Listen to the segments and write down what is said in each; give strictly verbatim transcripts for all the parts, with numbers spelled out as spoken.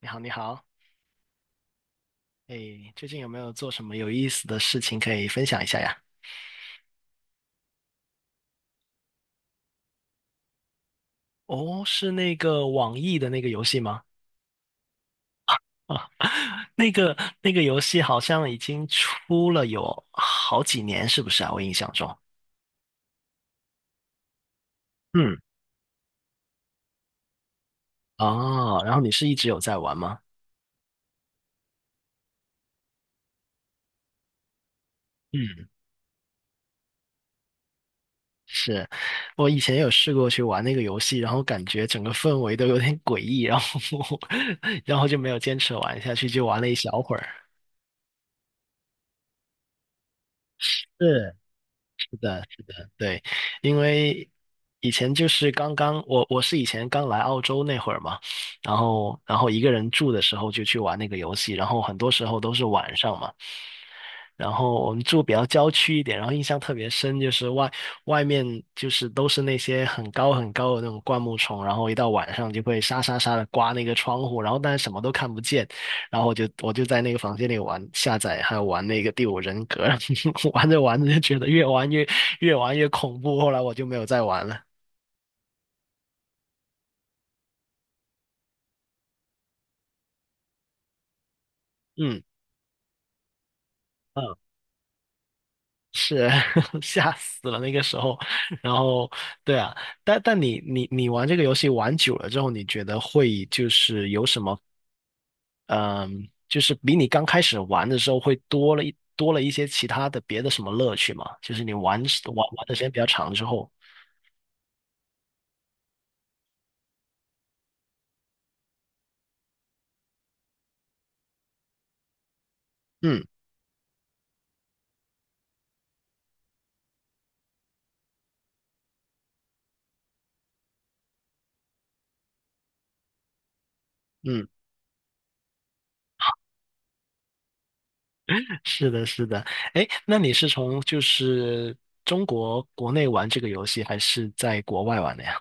你好，你好，哎，最近有没有做什么有意思的事情可以分享一下呀？哦，是那个网易的那个游戏吗？啊，那个那个游戏好像已经出了有好几年，是不是啊？我印象中，嗯，哦，然后你是一直有在玩吗？嗯，是，我以前有试过去玩那个游戏，然后感觉整个氛围都有点诡异，然后 然后就没有坚持玩下去，就玩了一小会儿。是，是的，对，因为以前就是刚刚我我是以前刚来澳洲那会儿嘛，然后然后一个人住的时候就去玩那个游戏，然后很多时候都是晚上嘛。然后我们住比较郊区一点，然后印象特别深，就是外外面就是都是那些很高很高的那种灌木丛，然后一到晚上就会沙沙沙的刮那个窗户，然后但是什么都看不见，然后我就我就在那个房间里玩下载，还有玩那个《第五人格》，玩着玩着就觉得越玩越越玩越恐怖，后来我就没有再玩了。嗯嗯。是 吓死了那个时候，然后对啊，但但你你你玩这个游戏玩久了之后，你觉得会就是有什么嗯，就是比你刚开始玩的时候会多了一多了一些其他的别的什么乐趣吗？就是你玩玩玩的时间比较长之后，嗯嗯，是的是的，哎，那你是从就是中国国内玩这个游戏，还是在国外玩的呀？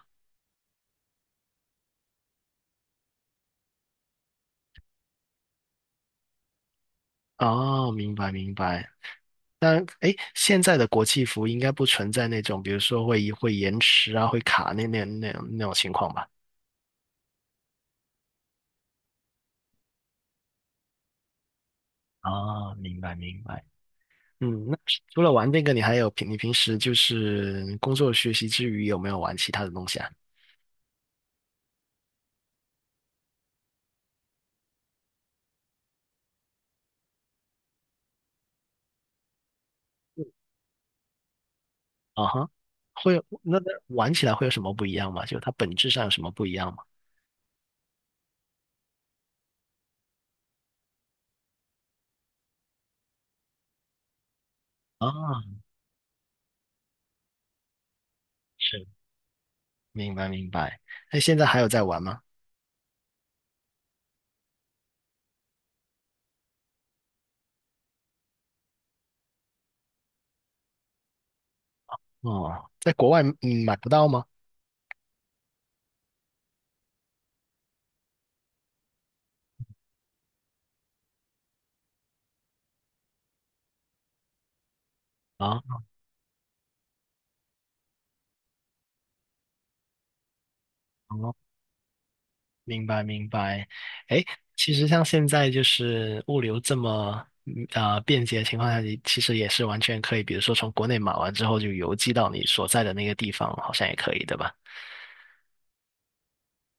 哦，明白明白，当然，哎，现在的国际服应该不存在那种，比如说会会延迟啊，会卡那那那种那种情况吧？啊，明白明白。嗯，那除了玩这个，你还有平你平时就是工作学习之余有没有玩其他的东西啊？啊哈，会有那那玩起来会有什么不一样吗？就它本质上有什么不一样吗？啊，是，明白明白。那现在还有在玩吗？哦，在国外嗯买不到吗？啊。哦。明白明白，哎，其实像现在就是物流这么嗯呃便捷的情况下，你其实也是完全可以，比如说从国内买完之后就邮寄到你所在的那个地方，好像也可以，对吧？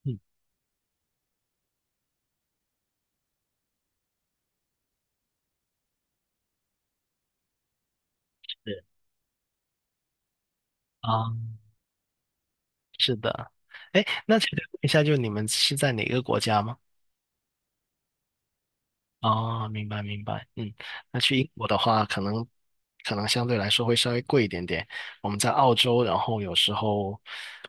嗯，是啊，是的。哎，那请问一下，就你们是在哪个国家吗？哦，明白明白，嗯，那去英国的话，可能可能相对来说会稍微贵一点点。我们在澳洲，然后有时候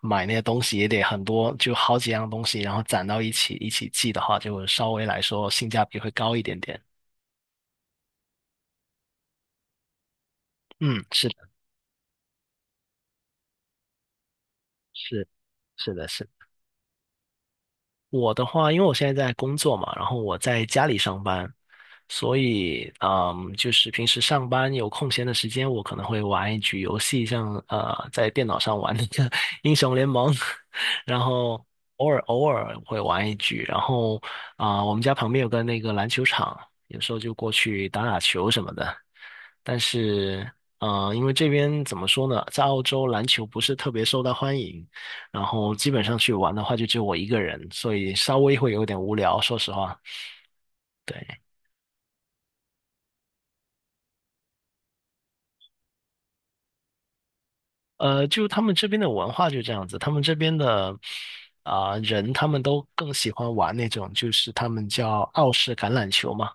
买那些东西也得很多，就好几样东西，然后攒到一起一起寄的话，就稍微来说性价比会高一点点。嗯，是的，是是的，是的。我的话，因为我现在在工作嘛，然后我在家里上班，所以嗯，就是平时上班有空闲的时间，我可能会玩一局游戏，像呃，在电脑上玩那个 英雄联盟，然后偶尔偶尔会玩一局，然后啊、我们家旁边有个那个篮球场，有时候就过去打打球什么的。但是呃，因为这边怎么说呢，在澳洲篮球不是特别受到欢迎，然后基本上去玩的话，就只有我一个人，所以稍微会有点无聊，说实话。对，呃，就他们这边的文化就这样子，他们这边的啊、人，他们都更喜欢玩那种，就是他们叫澳式橄榄球嘛，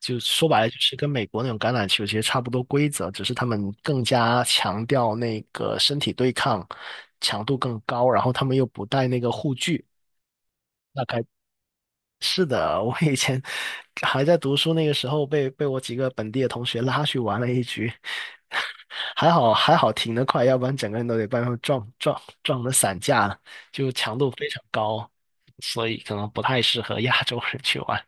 就说白了就是跟美国那种橄榄球其实差不多规则，只是他们更加强调那个身体对抗，强度更高，然后他们又不带那个护具。那该。是的，我以前还在读书那个时候被，被我几个本地的同学拉去玩了一局，还好还好停得快，要不然整个人都得被他们撞撞撞得散架了，就强度非常高，所以可能不太适合亚洲人去玩。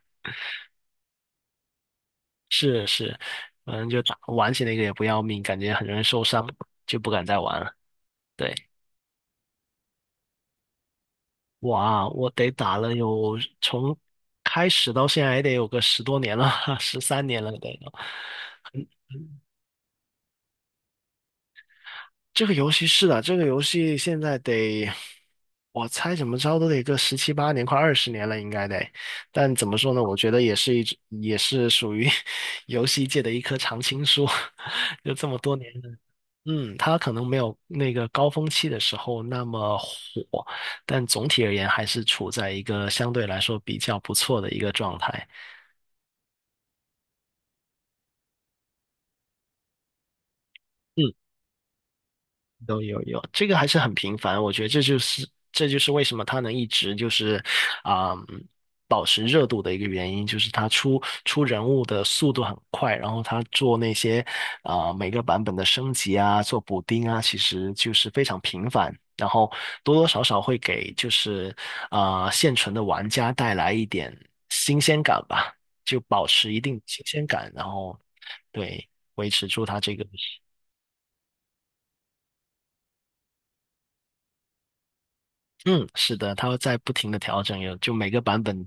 是是，反正就打玩起那个也不要命，感觉很容易受伤，就不敢再玩了。对，哇，我得打了有从开始到现在也得有个十多年了，十三年了得有。这个游戏是的，这个游戏现在得，我猜怎么着都得个十七八年，快二十年了，应该得。但怎么说呢？我觉得也是一，直也是属于 游戏界的一棵常青树，就这么多年了嗯，它可能没有那个高峰期的时候那么火，但总体而言还是处在一个相对来说比较不错的一个状态。嗯。有有有，这个还是很频繁，我觉得这就是这就是为什么它能一直就是啊、嗯保持热度的一个原因，就是它出出人物的速度很快，然后它做那些啊、每个版本的升级啊，做补丁啊，其实就是非常频繁，然后多多少少会给就是啊、现存的玩家带来一点新鲜感吧，就保持一定新鲜感，然后对维持住它这个。嗯，是的，它会在不停的调整，有就每个版本，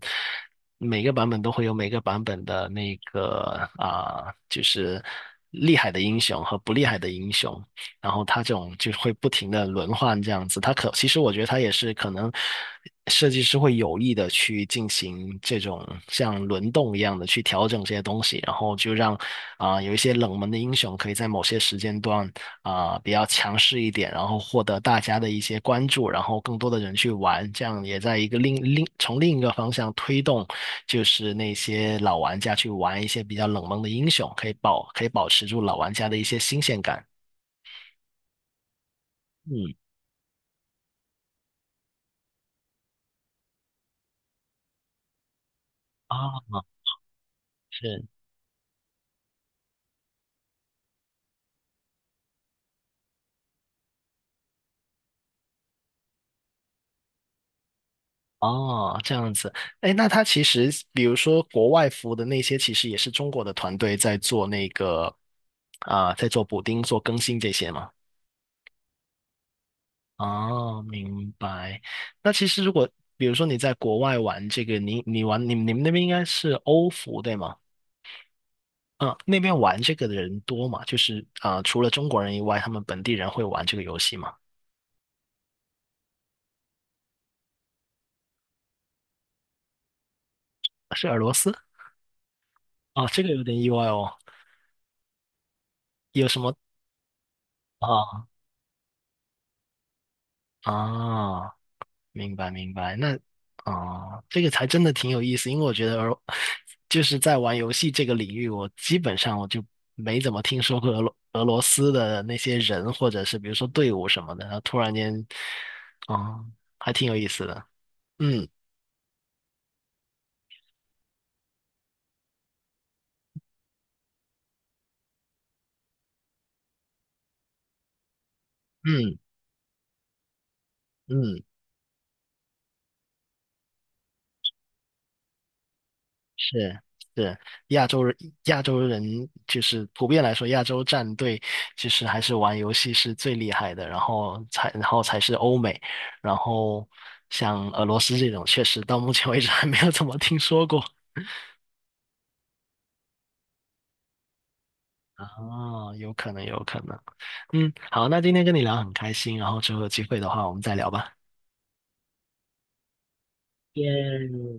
每个版本都会有每个版本的那个啊、就是厉害的英雄和不厉害的英雄，然后它这种就会不停的轮换这样子。它可其实我觉得它也是可能设计师会有意的去进行这种像轮动一样的去调整这些东西，然后就让啊、有一些冷门的英雄可以在某些时间段。啊、比较强势一点，然后获得大家的一些关注，然后更多的人去玩，这样也在一个另另从另一个方向推动，就是那些老玩家去玩一些比较冷门的英雄，可以保可以保持住老玩家的一些新鲜感。嗯，啊，是。哦，这样子，哎，那他其实，比如说国外服的那些，其实也是中国的团队在做那个，啊、在做补丁、做更新这些嘛。哦，明白。那其实如果比如说你在国外玩这个，你你玩你你们那边应该是欧服对吗？啊，那边玩这个的人多吗？就是啊，除了中国人以外，他们本地人会玩这个游戏吗？是俄罗斯？啊，这个有点意外哦。有什么啊啊？明白明白，那啊、这个才真的挺有意思，因为我觉得俄，就是在玩游戏这个领域，我基本上我就没怎么听说过俄罗俄罗斯的那些人，或者是比如说队伍什么的，然后突然间，啊、还挺有意思的，嗯嗯嗯。是是，亚洲人亚洲人就是普遍来说，亚洲战队其实还是玩游戏是最厉害的，然后才然后才是欧美，然后像俄罗斯这种，确实到目前为止还没有怎么听说过。啊，有可能，有可能。嗯，好，那今天跟你聊很开心，然后之后有机会的话，我们再聊吧。耶